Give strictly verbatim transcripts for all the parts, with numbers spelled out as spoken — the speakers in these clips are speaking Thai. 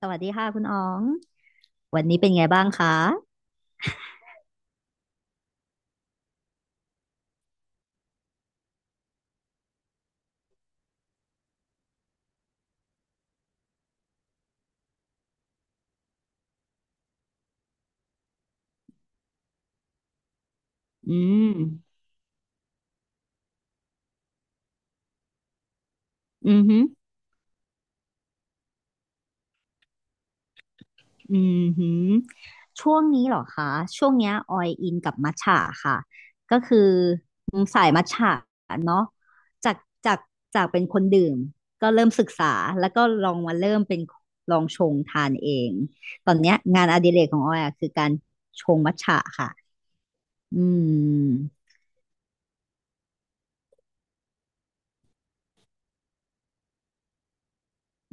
สวัสดีค่ะคุณอ๋อง วันนี้เป็นไงบ้างคะอืมอือหืออือหือช่วงนี้เหรอคะ ช่วงเนี้ยออยอินกับมัทฉะค่ะ ก็คือสายมัทฉะเนาะจากจากจากเป็นคนดื่มก็เริ่มศึกษาแล้วก็ลองมาเริ่มเป็นลองชงทานเอง ตอนเนี้ยงานอดิเรกของออยอะคือการชงมัทฉะค่ะ อืม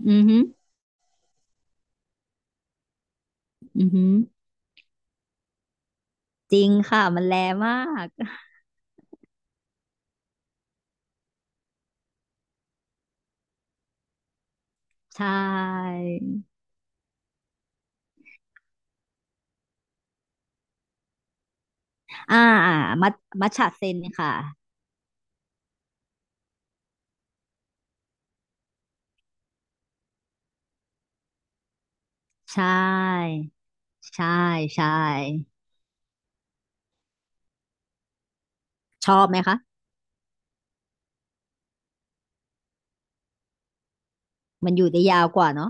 อือหืออือหือจริงค่ะมันแลมาก ใช่ อ่าอ่ามัทมัทฉะเซนค่ะใช่ใช่ใช่ชอบไหมคะมันอยู่ได้ยาวกว่าเนาะ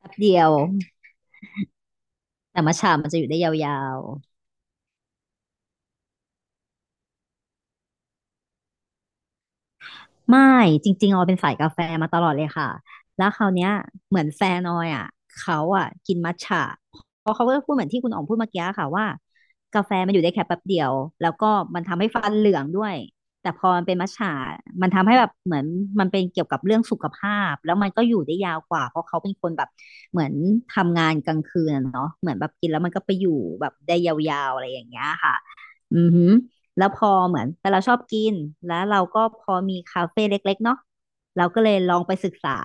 แป๊บเดียวแต่มัทฉะมันจะอยู่ได้ยาว ไม่จริงๆออยเป็นสายกาแฟมาตลอดเลยค่ะแล้วคราวเนี้ยเหมือนแฟนออยอ่ะเขาอ่ะกินมัทฉะเพราะเขาก็พูดเหมือนที่คุณอ๋องพูดเมื่อกี้ค่ะว่ากาแฟมันอยู่ได้แค่แป๊บเดียวแล้วก็มันทำให้ฟันเหลืองด้วยแต่พอมันเป็นมัทฉะมันทำให้แบบเหมือนมันเป็นเกี่ยวกับเรื่องสุขภาพแล้วมันก็อยู่ได้ยาวกว่าเพราะเขาเป็นคนแบบเหมือนทำงานกลางคืนอะเนาะเหมือนแบบกินแล้วมันก็ไปอยู่แบบได้ยาวๆอะไรอย่างเงี้ยค่ะอือหือ แล้วพอเหมือนแต่เราชอบกินแล้วเราก็พอมีคาเฟ่เล็กๆเนาะเราก็เลยลองไปศึกษา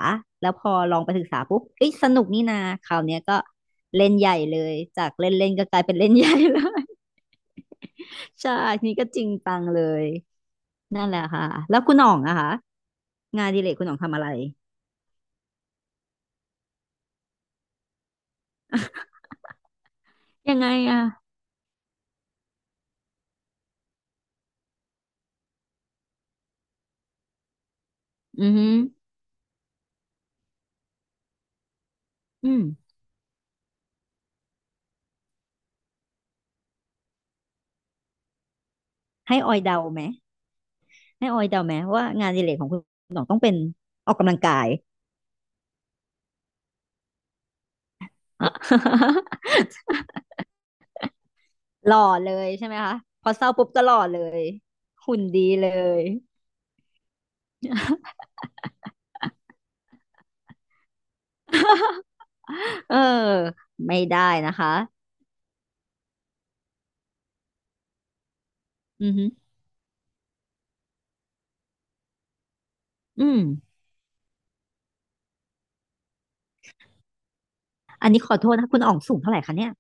แล้วพอลองไปศึกษาปุ๊บเอ้ยสนุกนี่นาคราวเนี้ยก็เล่นใหญ่เลยจากเล่นเล่นก็กลายเป็นเล่นใหญ่เลย ใช่นี่ก็จริงจังเลยนั่นแหละค่ะแล้วคุณหน่องอะคะงานอดิเลกคุณหน่องทำอะไรยังไงอ่ะอือหืออืมให้ออยเดาไหมให้ออยเดาไหมว่างานอดิเรกของคุณหน่องต้องเป็นออกกำลังกาย หล่อเลยใช่ไหมคะพอเศร้าปุ๊บก็หล่อเลยหุ่นดีเลยเออไม่ได้นะคะอือหืออืมอันนี้ขอโทษนะคุณอ๋องสูงเท่าไหร่คะเนี่ย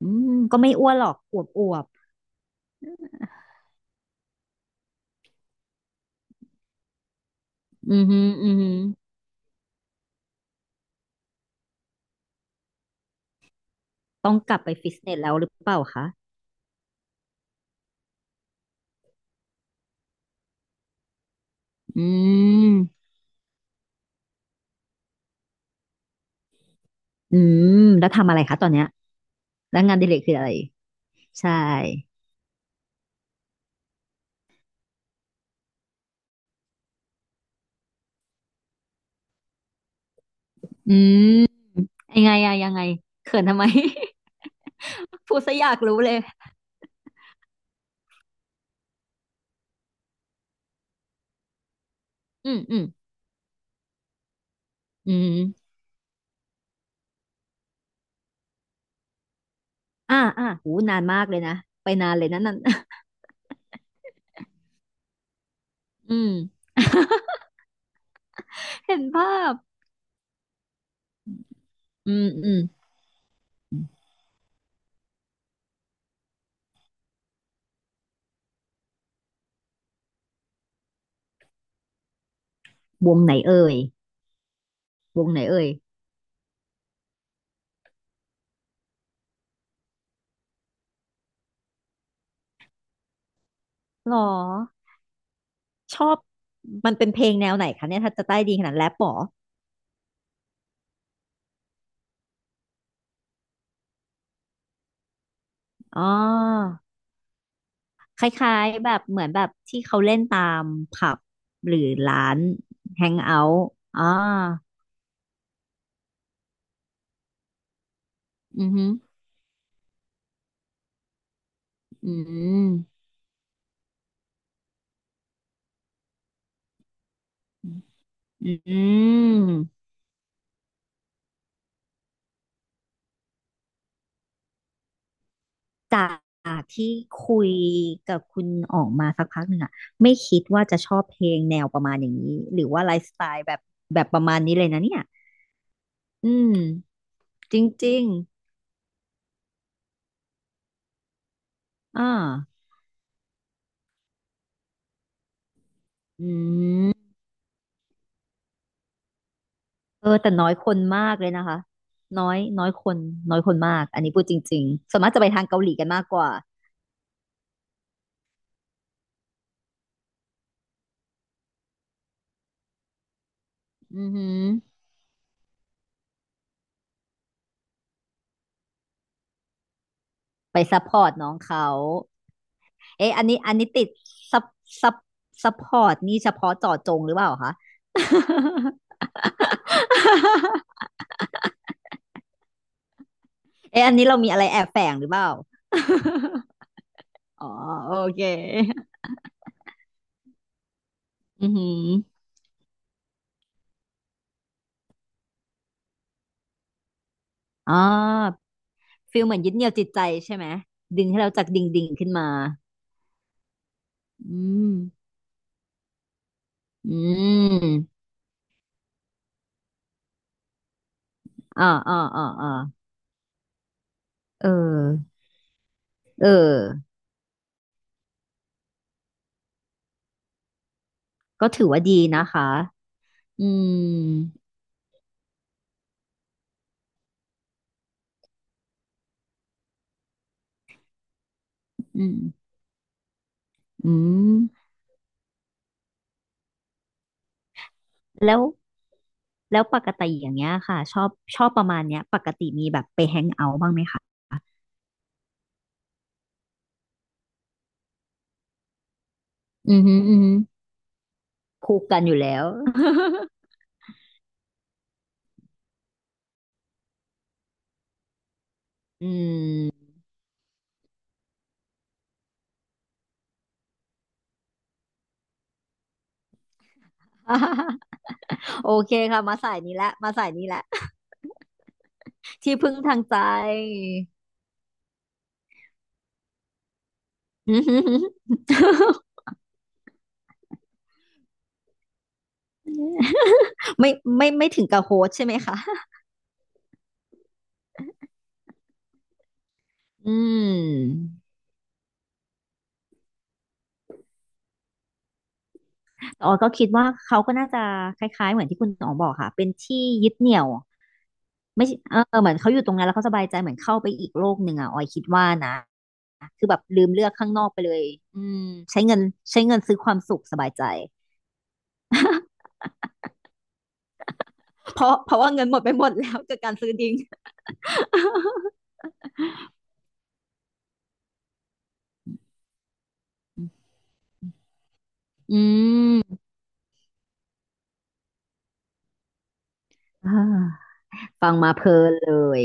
อืมก็ไม่อ้วนหรอกอวบอวบอือหืออือหือต้องกลับไปฟิตเนสแล้วหรือเปล่าคะอืมอืมแล้วทำอะไรคะตอนเนี้ยแล้วงานอดิเรกคืออะไรใช่อืมยังไงอะยังไงเขินทำไม พูดซะอยากรู้เลยอืมอืมอืม อ่าอ่าหูนานมากเลยนะ ไปนานเลยนะนั่น อืมเห็นภาพ อืม อืม วงไหนเอ่ยวงไหนเอ่ยหรอ ชอบ มันเป็นเพลงแนวไหนคะเนี่ยถ้าจะใต้ดีขนาดแรปหรออ๋อคล้ายๆแบบเหมือนแบบที่เขาเล่นตามผับหรือร้านแฮงเอาท์อ่าอือหอืม อืม จากที่คุยกับคุณออกมาสักพักหนึ่งอะไม่คิดว่าจะชอบเพลงแนวประมาณอย่างนี้หรือว่าไลฟ์สไตล์แบบแบบประมาณนี้เลยนะเนี่ยอืมจริงๆอ่าอืมเออแต่น้อยคนมากเลยนะคะน้อยน้อยคนน้อยคนมากอันนี้พูดจริงๆส่วนมากจะไปทางเกาหลีกันมากกว่าอือหือไปซัพพอร์ตน้องเขาเอ๊ะอันนี้อันนี้ติดซัพซัพซัพพอร์ตนี่เฉพาะเจาะจงหรือเปล่าคะ เอ๊ะอันนี้เรามีอะไรแอบแฝงหรือเปล่า อ๋อโอเคอือหืออ๋อฟิลเหมือนยึดเหนี่ยวจิตใจใช่ไหมดึงให้เราจากดิ่งดิ่งขึ้นมาอืมอืมอ่าอ่าอ่าอ่าเออ เออ ก็ถือว่าดีนะคะอืมอืมอืมแล้วแล้วปกติอย่างเงี้ยค่ะชอบชอบประมาณเนี้ยปกติมีแบบไปแฮงเอาท์บ้างไหมคะอือหืออือหือคู่กันอยู่แล้ว อืม โอเคค่ะมาสายนี้แหละมาสายนี้แหละที่พึ่งทางใจ อือหือหือ ไม่ไม่ไม่ถึงกับโฮสใช่ไหมคะอืมอ๋อก็คิดว่าเขาก็น่าจะคล้ายๆเหมือนที่คุณอ๋องบอกค่ะเป็นที่ยึดเหนี่ยวไม่ใช่เออเหมือนเขาอยู่ตรงนั้นแล้วเขาสบายใจเหมือนเข้าไปอีกโลกหนึ่งอ่ะออยคิดว่านะคือแบบลืมเลือกข้างนอกไปเลยอืมใช้เงินใช้เงินซื้อความสุขสบายใจเพราะเพราะว่าเงินหมดไปหมดแล้วกับการซื้อดิ้งอืมอ่า ฟังมาเพลินเลย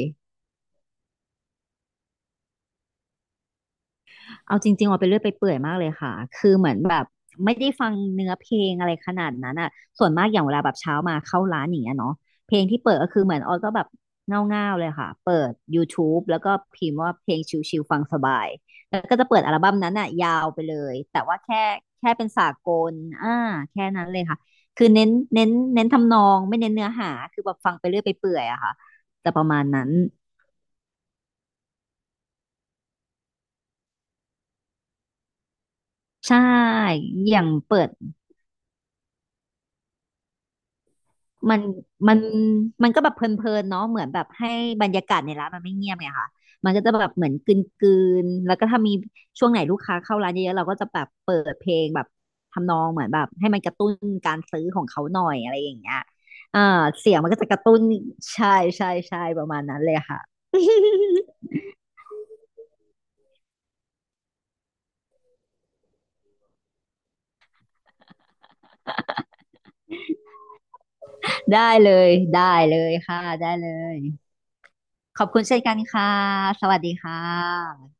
เอาจริงๆออกไปเรื่อยไปเปื่อยมากเลยค่ะคือเหมือนแบบไม่ได้ฟังเนื้อเพลงอะไรขนาดนั้นอ่ะส่วนมากอย่างเวลาแบบเช้ามาเข้าร้านอย่างเงี้ยเนาะเพลงที่เปิดก็คือเหมือนออยก็แบบเง่าๆเลยค่ะเปิดยูท ที ยู แล้วก็พิมพ์ว่าเพลงชิลๆฟังสบายแล้วก็จะเปิดอัลบั้มนั้นอ่ะยาวไปเลยแต่ว่าแค่แค่เป็นสากลอ่าแค่นั้นเลยค่ะคือเน้นเน้นเน้นทำนองไม่เน้นเนื้อหาคือแบบฟังไปเรื่อยไปเปื่อยอะค่ะแต่ประมาณนั้นใช่อย่างเปิด มันมันมันก็แบบเพลินๆเนาะเหมือนแบบให้บรรยากาศในร้านมันไม่เงียบไงค่ะมันก็จะแบบเหมือนกลืนๆแล้วก็ถ้ามีช่วงไหนลูกค้าเข้าร้านเยอะๆเราก็จะแบบเปิดเพลงแบบทำนองเหมือนแบบให้มันกระตุ้นการซื้อของเขาหน่อยอะไรอย่างเงี้ยอ่าเสียงมันก็จะกระตุ้นใช่ใช่ใช่ประมาณนั้นเลยค่ะ ได้เลยได้เลยค่ะได้เลยขอบคุณเช่นกันค่ะสวัสดีค่ะ